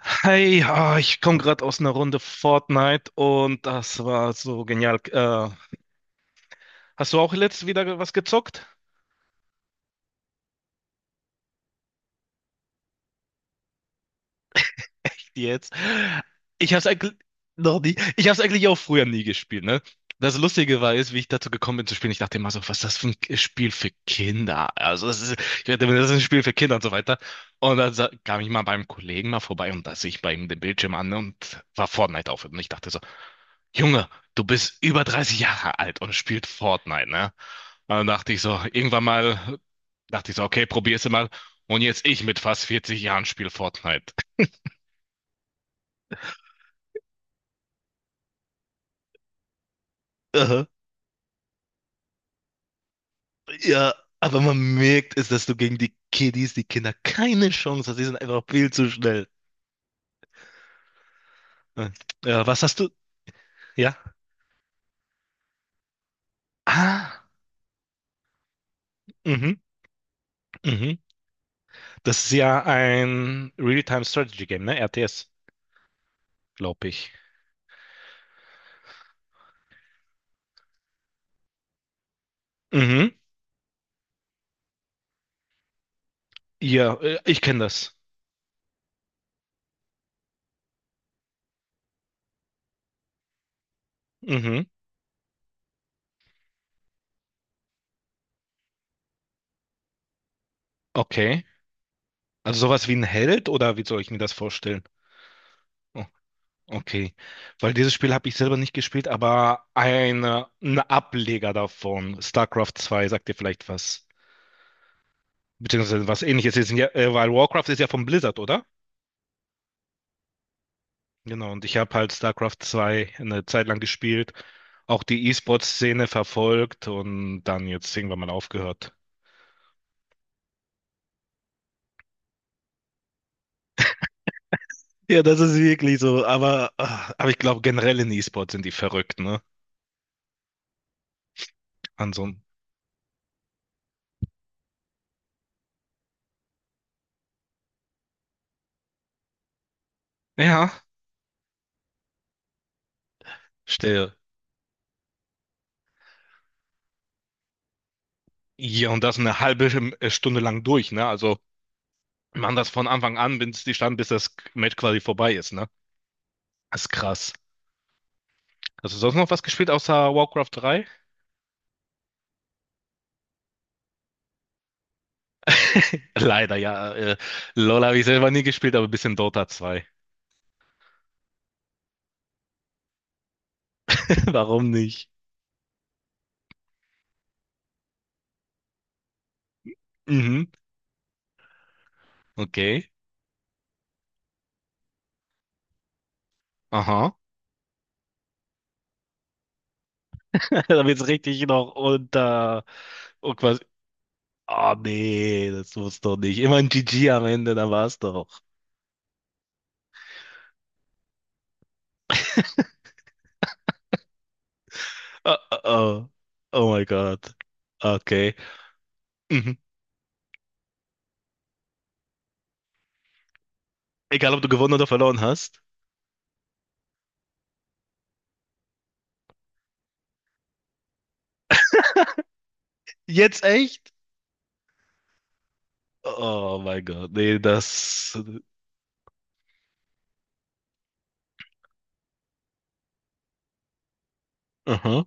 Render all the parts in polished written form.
Hey, ich komme gerade aus einer Runde Fortnite und das war so genial. Hast du auch letztes wieder was gezockt? Jetzt. Ich hab's eigentlich noch nie. Ich hab's eigentlich auch früher nie gespielt, ne? Das Lustige war ist wie ich dazu gekommen bin zu spielen. Ich dachte immer so, was ist das für ein Spiel für Kinder? Ich dachte mir, das ist ein Spiel für Kinder und so weiter. Und dann kam ich mal beim Kollegen mal vorbei und da sehe ich bei ihm den Bildschirm an und war Fortnite auf. Und ich dachte so, Junge, du bist über 30 Jahre alt und spielst Fortnite, ne? Und dann dachte ich so, irgendwann mal, dachte ich so, okay, probier's mal. Und jetzt ich mit fast 40 Jahren spiele Fortnite. Ja, aber man merkt es, dass du gegen die Kiddies, die Kinder, keine Chance hast. Die sind einfach viel zu schnell. Ja, was hast du? Ja. Ah, mhm, mhm. Das ist ja ein Real-Time-Strategy-Game, ne? RTS, glaube ich. Mhm. Ja, ich kenne das. Mhm. Okay. Also sowas wie ein Held oder wie soll ich mir das vorstellen? Oh, okay. Weil dieses Spiel habe ich selber nicht gespielt, aber ein Ableger davon, StarCraft 2, sagt dir vielleicht was. Beziehungsweise was ähnliches ist, ja, weil Warcraft ist ja von Blizzard, oder? Genau, und ich habe halt StarCraft 2 eine Zeit lang gespielt, auch die E-Sport-Szene verfolgt und dann jetzt irgendwann mal aufgehört. Ja, das ist wirklich so, aber ich glaube, generell in E-Sport sind die verrückt, ne? An so einem, ja, stell hier und das eine halbe Stunde lang durch, ne? Also, man das von Anfang an, bis das Match quasi vorbei ist, ne? Das ist krass. Hast du sonst noch was gespielt außer Warcraft 3? Leider, ja. LOL habe ich selber nie gespielt, aber ein bisschen Dota 2. Warum nicht? Mhm. Okay. Aha. Da wird's richtig noch unter. Und quasi. Nee, das muss doch nicht. Immer ein GG am Ende, da war's doch. Oh, oh, oh. Oh mein Gott. Okay. Mhm. Egal, ob du gewonnen oder verloren hast. Jetzt echt? Oh mein Gott. Nee, das. Aha.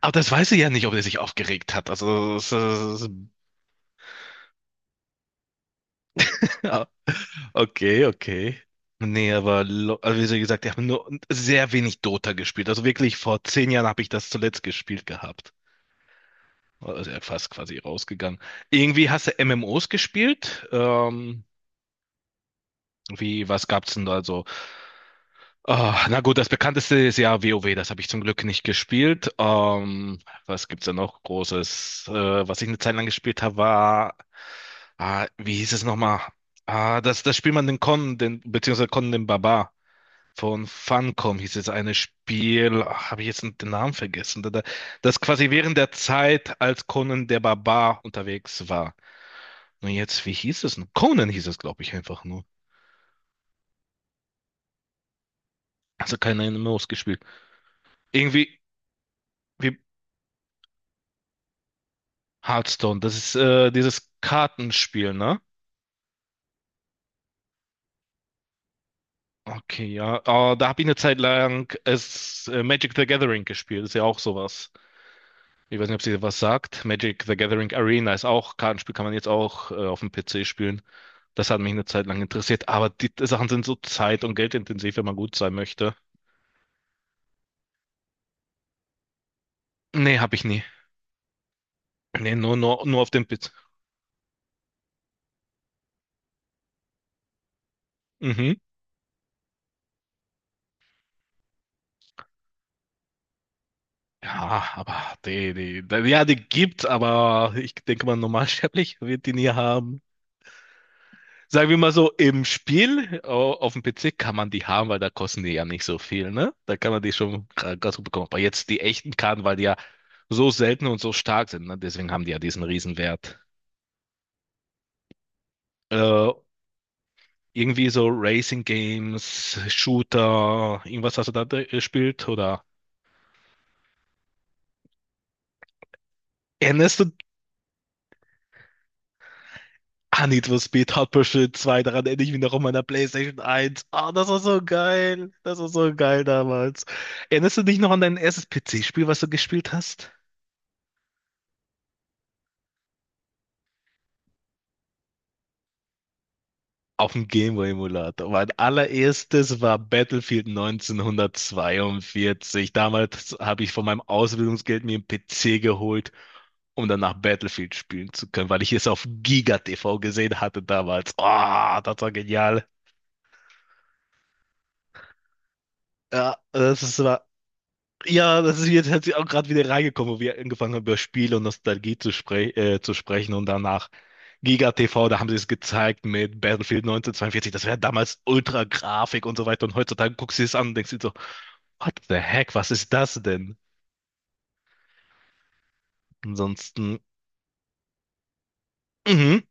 Aber das weiß ich ja nicht, ob er sich aufgeregt hat. Also, es, ist- Okay, okay. Nee, aber also wie gesagt, ich habe nur sehr wenig Dota gespielt. Also wirklich vor 10 Jahren habe ich das zuletzt gespielt gehabt. Also ja, fast quasi rausgegangen. Irgendwie hast du MMOs gespielt? Wie, was gab's denn da so? Na gut, das bekannteste ist ja WoW, das habe ich zum Glück nicht gespielt. Was gibt's da noch Großes? Was ich eine Zeit lang gespielt habe, war, wie hieß es nochmal? Das spielt man den Con, den, beziehungsweise Con den Barbar. Von Funcom hieß es eine Spiel, ach, habe ich jetzt den Namen vergessen, das quasi während der Zeit, als Conan der Barbar unterwegs war. Und jetzt, wie hieß es denn? Conan hieß es, glaube ich, einfach nur. Also keine MMOs gespielt. Irgendwie wie Hearthstone, das ist dieses Kartenspiel, ne? Okay, ja. Da habe ich eine Zeit lang es, Magic the Gathering gespielt, ist ja auch sowas. Ich weiß nicht, ob sie was sagt. Magic the Gathering Arena ist auch Kartenspiel, kann man jetzt auch auf dem PC spielen. Das hat mich eine Zeit lang interessiert, aber die Sachen sind so zeit- und geldintensiv, wenn man gut sein möchte. Nee, habe ich nie. Nee, nur auf dem PC. Mhm. Ja, aber ja, die gibt's, aber ich denke mal, normalsterblich wird die nie haben. Sagen wir mal so, im Spiel auf dem PC kann man die haben, weil da kosten die ja nicht so viel, ne? Da kann man die schon ganz gut bekommen. Aber jetzt die echten Karten, weil die ja so selten und so stark sind, ne? Deswegen haben die ja diesen Riesenwert. Äh, irgendwie so Racing Games, Shooter, irgendwas hast du da gespielt? Oder erinnerst du an Need for Speed Hot Pursuit zwei. Daran erinnere ich mich noch an meiner PlayStation 1. Das war so geil. Das war so geil damals. Erinnerst du dich noch an dein erstes PC-Spiel, was du gespielt hast? Auf dem Gameboy-Emulator. Mein allererstes war Battlefield 1942. Damals habe ich von meinem Ausbildungsgeld mir einen PC geholt, um danach Battlefield spielen zu können, weil ich es auf Giga TV gesehen hatte damals. Das war genial. Ja, das ist war. Ja, das ist jetzt hat sie auch gerade wieder reingekommen, wo wir angefangen haben, über Spiele und Nostalgie zu sprechen, und danach Giga TV, da haben sie es gezeigt mit Battlefield 1942, das wäre damals Ultra-Grafik und so weiter, und heutzutage guckst du es an und denkst dir so, what the heck, was ist das denn? Ansonsten, mhm,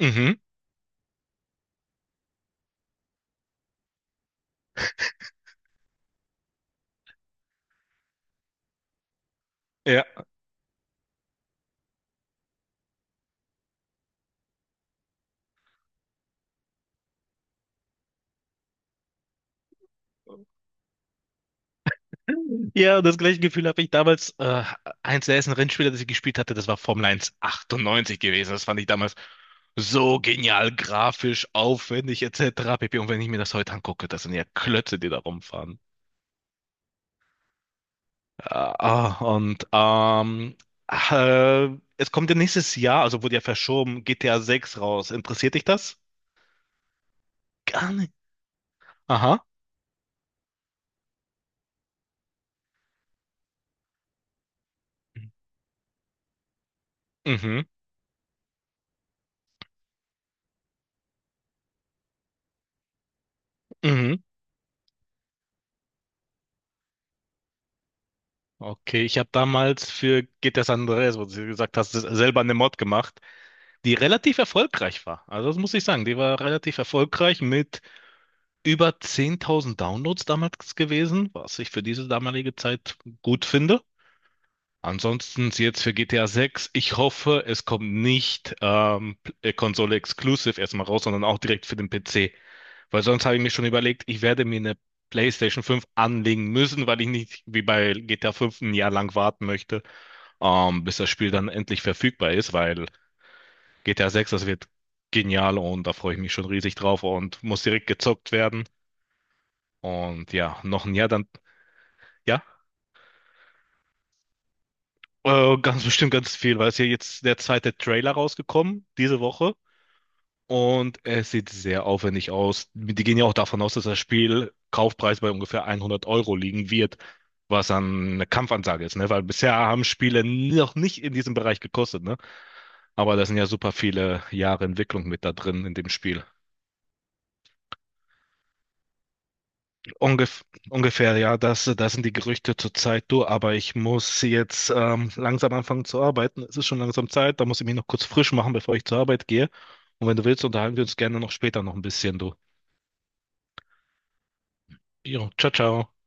mhm, ja. Ja, und das gleiche Gefühl habe ich damals. Eins der ersten Rennspiele, das ich gespielt hatte, das war Formel 1 98 gewesen. Das fand ich damals so genial, grafisch, aufwendig, etc. pp. Und wenn ich mir das heute angucke, das sind ja Klötze, die da rumfahren. Ah, und äh, es kommt ja nächstes Jahr, also wurde ja verschoben, GTA 6 raus. Interessiert dich das? Gar nicht. Aha. Mhm, mhm. Okay, ich habe damals für GTA San Andreas, wo du gesagt hast, selber eine Mod gemacht, die relativ erfolgreich war. Also das muss ich sagen, die war relativ erfolgreich mit über 10.000 Downloads damals gewesen, was ich für diese damalige Zeit gut finde. Ansonsten jetzt für GTA 6, ich hoffe, es kommt nicht Konsole exclusive erstmal raus, sondern auch direkt für den PC. Weil sonst habe ich mir schon überlegt, ich werde mir eine PlayStation 5 anlegen müssen, weil ich nicht wie bei GTA 5 ein Jahr lang warten möchte, bis das Spiel dann endlich verfügbar ist, weil GTA 6, das wird genial und da freue ich mich schon riesig drauf und muss direkt gezockt werden. Und ja, noch ein Jahr dann, ja, ganz bestimmt ganz viel, weil es ja jetzt der zweite Trailer rausgekommen diese Woche und es sieht sehr aufwendig aus. Die gehen ja auch davon aus, dass das Spiel Kaufpreis bei ungefähr 100 Euro liegen wird, was dann eine Kampfansage ist, ne? Weil bisher haben Spiele noch nicht in diesem Bereich gekostet, ne? Aber da sind ja super viele Jahre Entwicklung mit da drin in dem Spiel. Ungef ungefähr, ja, das sind die Gerüchte zurzeit. Du, aber ich muss jetzt langsam anfangen zu arbeiten. Es ist schon langsam Zeit, da muss ich mich noch kurz frisch machen, bevor ich zur Arbeit gehe. Und wenn du willst, unterhalten wir uns gerne noch später noch ein bisschen, du. Jo, ciao, ciao.